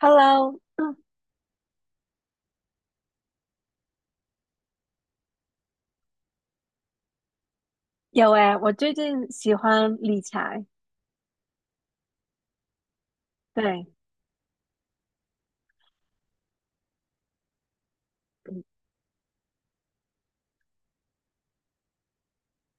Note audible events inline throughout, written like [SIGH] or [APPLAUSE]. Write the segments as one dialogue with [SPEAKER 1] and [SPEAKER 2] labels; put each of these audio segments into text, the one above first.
[SPEAKER 1] Hello，有诶，我最近喜欢理财，对，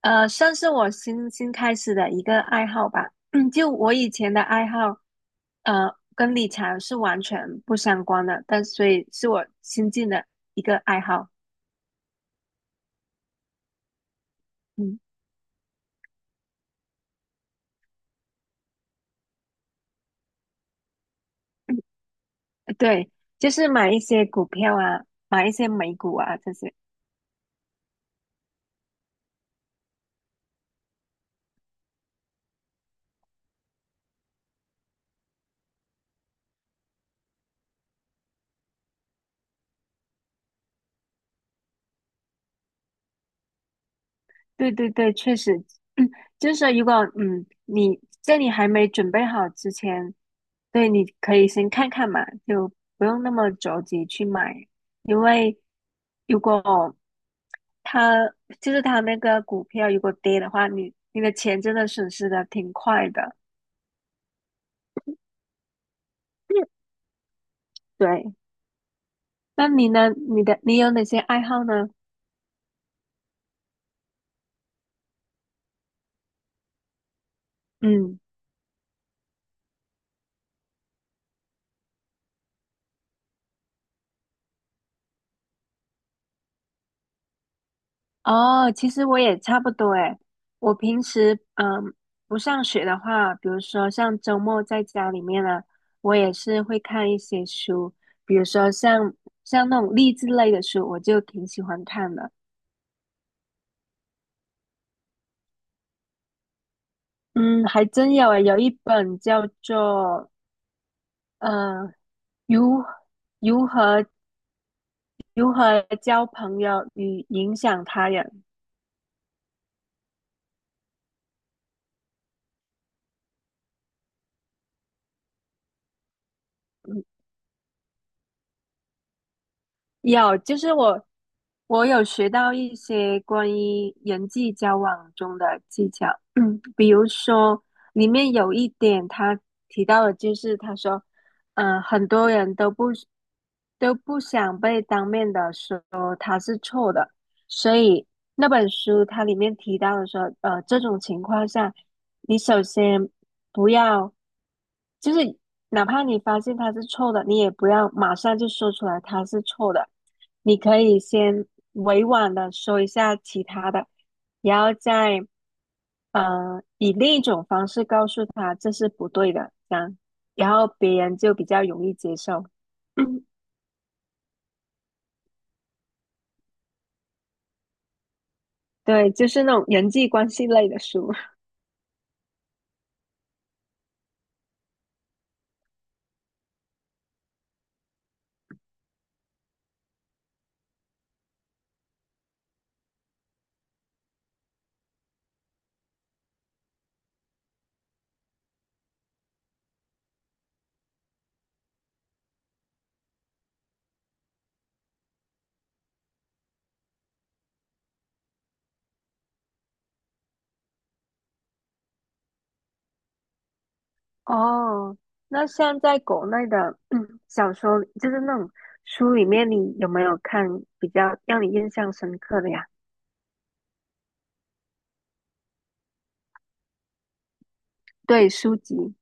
[SPEAKER 1] 算是我新开始的一个爱好吧。[CLEARS THROAT] 就我以前的爱好，跟理财是完全不相关的，但所以是我新进的一个爱好。嗯，对，就是买一些股票啊，买一些美股啊这些。对对对，确实，就是说如果你在你还没准备好之前。对，你可以先看看嘛，就不用那么着急去买，因为如果它就是它那个股票如果跌的话，你的钱真的损失的挺快的。对，那你呢？你有哪些爱好呢？嗯。哦，其实我也差不多诶。我平时嗯不上学的话，比如说像周末在家里面呢，我也是会看一些书，比如说像那种励志类的书，我就挺喜欢看的。嗯，还真有诶，有一本叫做呃如如何如何交朋友与影响他人，有，就是我。我有学到一些关于人际交往中的技巧，嗯，比如说里面有一点他提到的，就是他说，嗯，很多人都不想被当面的说他是错的，所以那本书它里面提到的说，呃，这种情况下，你首先不要，就是哪怕你发现他是错的，你也不要马上就说出来他是错的。你可以先委婉的说一下其他的，然后再以另一种方式告诉他这是不对的，这样，然后别人就比较容易接受。[LAUGHS] [CLEARS THROAT] 对，就是那种人际关系类的书。[LAUGHS] 哦，那像在国内的，嗯小说，就是那种书里面，你有没有看比较让你印象深刻的呀？对，书籍。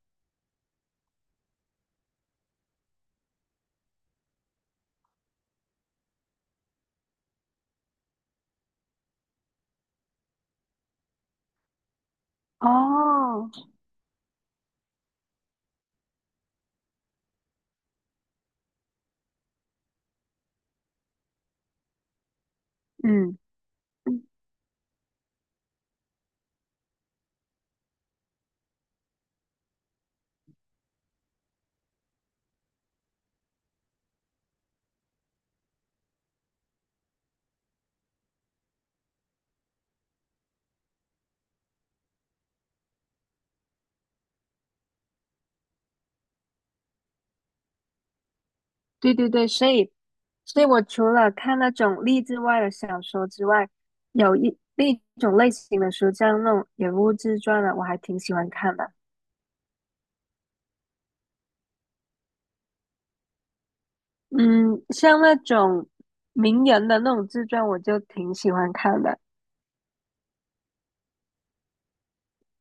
[SPEAKER 1] 哦，嗯。对对对，所以，所以我除了看那种励志外的小说之外，有一另一种类型的书，像那种人物自传的，我还挺喜欢看的。嗯，像那种名人的那种自传，我就挺喜欢看的。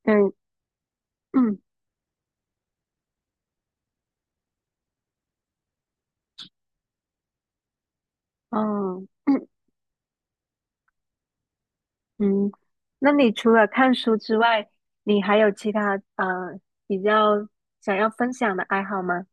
[SPEAKER 1] 对，嗯，哦，[CLEARS THROAT] 嗯，那你除了看书之外，你还有其他比较想要分享的爱好吗？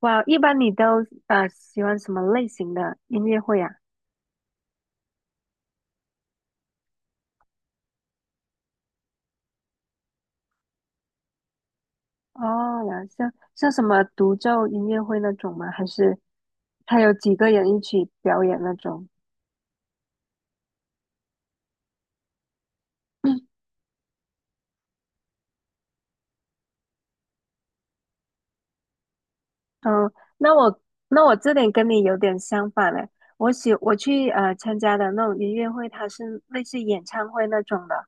[SPEAKER 1] 哇，一般你都喜欢什么类型的音乐会呀？哦，了，像什么独奏音乐会那种吗？还是他有几个人一起表演那种？嗯，那我那我这点跟你有点相反嘞。我去参加的那种音乐会，它是类似演唱会那种的。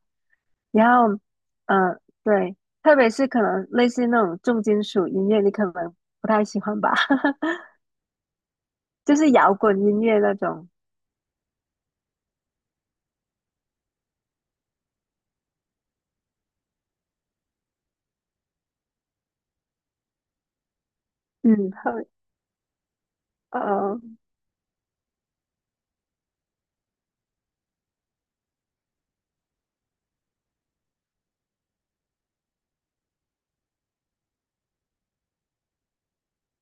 [SPEAKER 1] 然后，嗯，对，特别是可能类似那种重金属音乐，你可能不太喜欢吧，[LAUGHS] 就是摇滚音乐那种。嗯，后呃。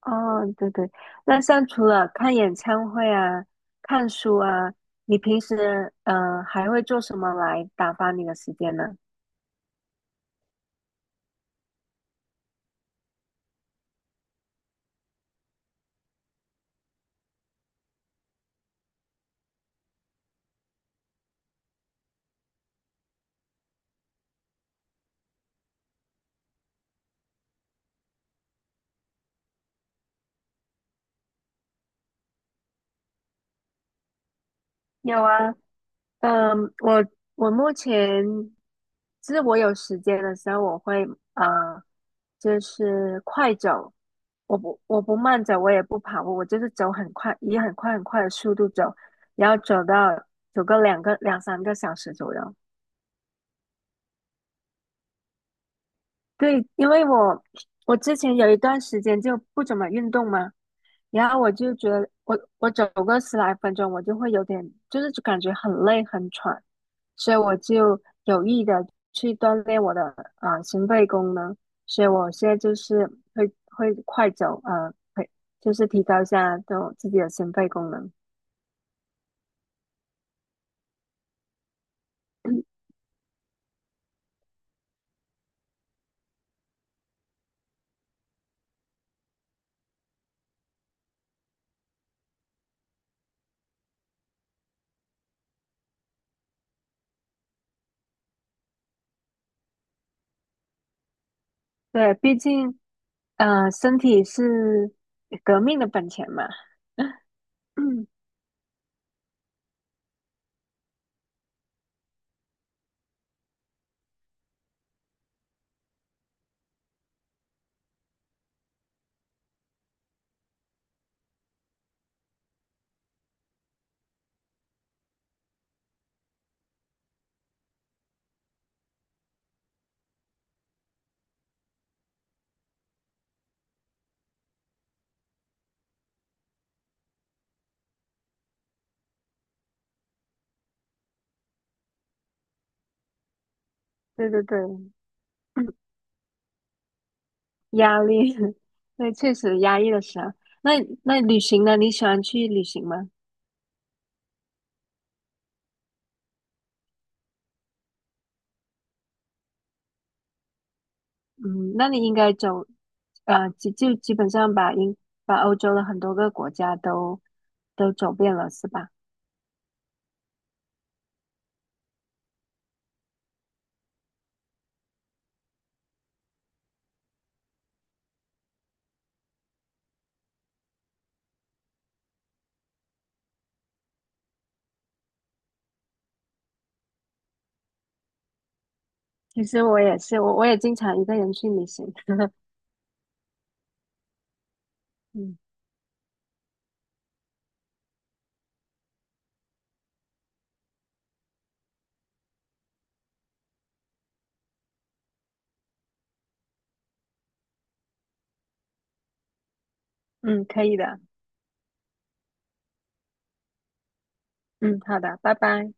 [SPEAKER 1] 哦，对对，那像除了看演唱会啊、看书啊，你平时嗯还会做什么来打发你的时间呢？有啊，嗯，我我目前就是我有时间的时候，我会啊，就是快走，我不慢走，我也不跑步，我就是走很快，以很快很快的速度走，然后走个两三个小时左右。对，因为我之前有一段时间就不怎么运动嘛，然后我就觉得我走个十来分钟，我就会有点就是感觉很累很喘，所以我就有意的去锻炼我的心肺功能，所以我现在就是会快走，啊，会就是提高一下这种自己的心肺功能。[CLEARS THROAT] 对，毕竟身体是革命的本钱嘛。[COUGHS] [CLEARS THROAT] 对对对。[CLEARS THROAT] 压力，[LAUGHS] 对，确实压抑的时候。那那旅行呢？你喜欢去旅行吗？嗯，那你应该走，呃，基本上把欧洲的很多个国家都都走遍了，是吧？其实我也是，我也经常一个人去旅行。嗯嗯，可以的。嗯，好的，拜拜。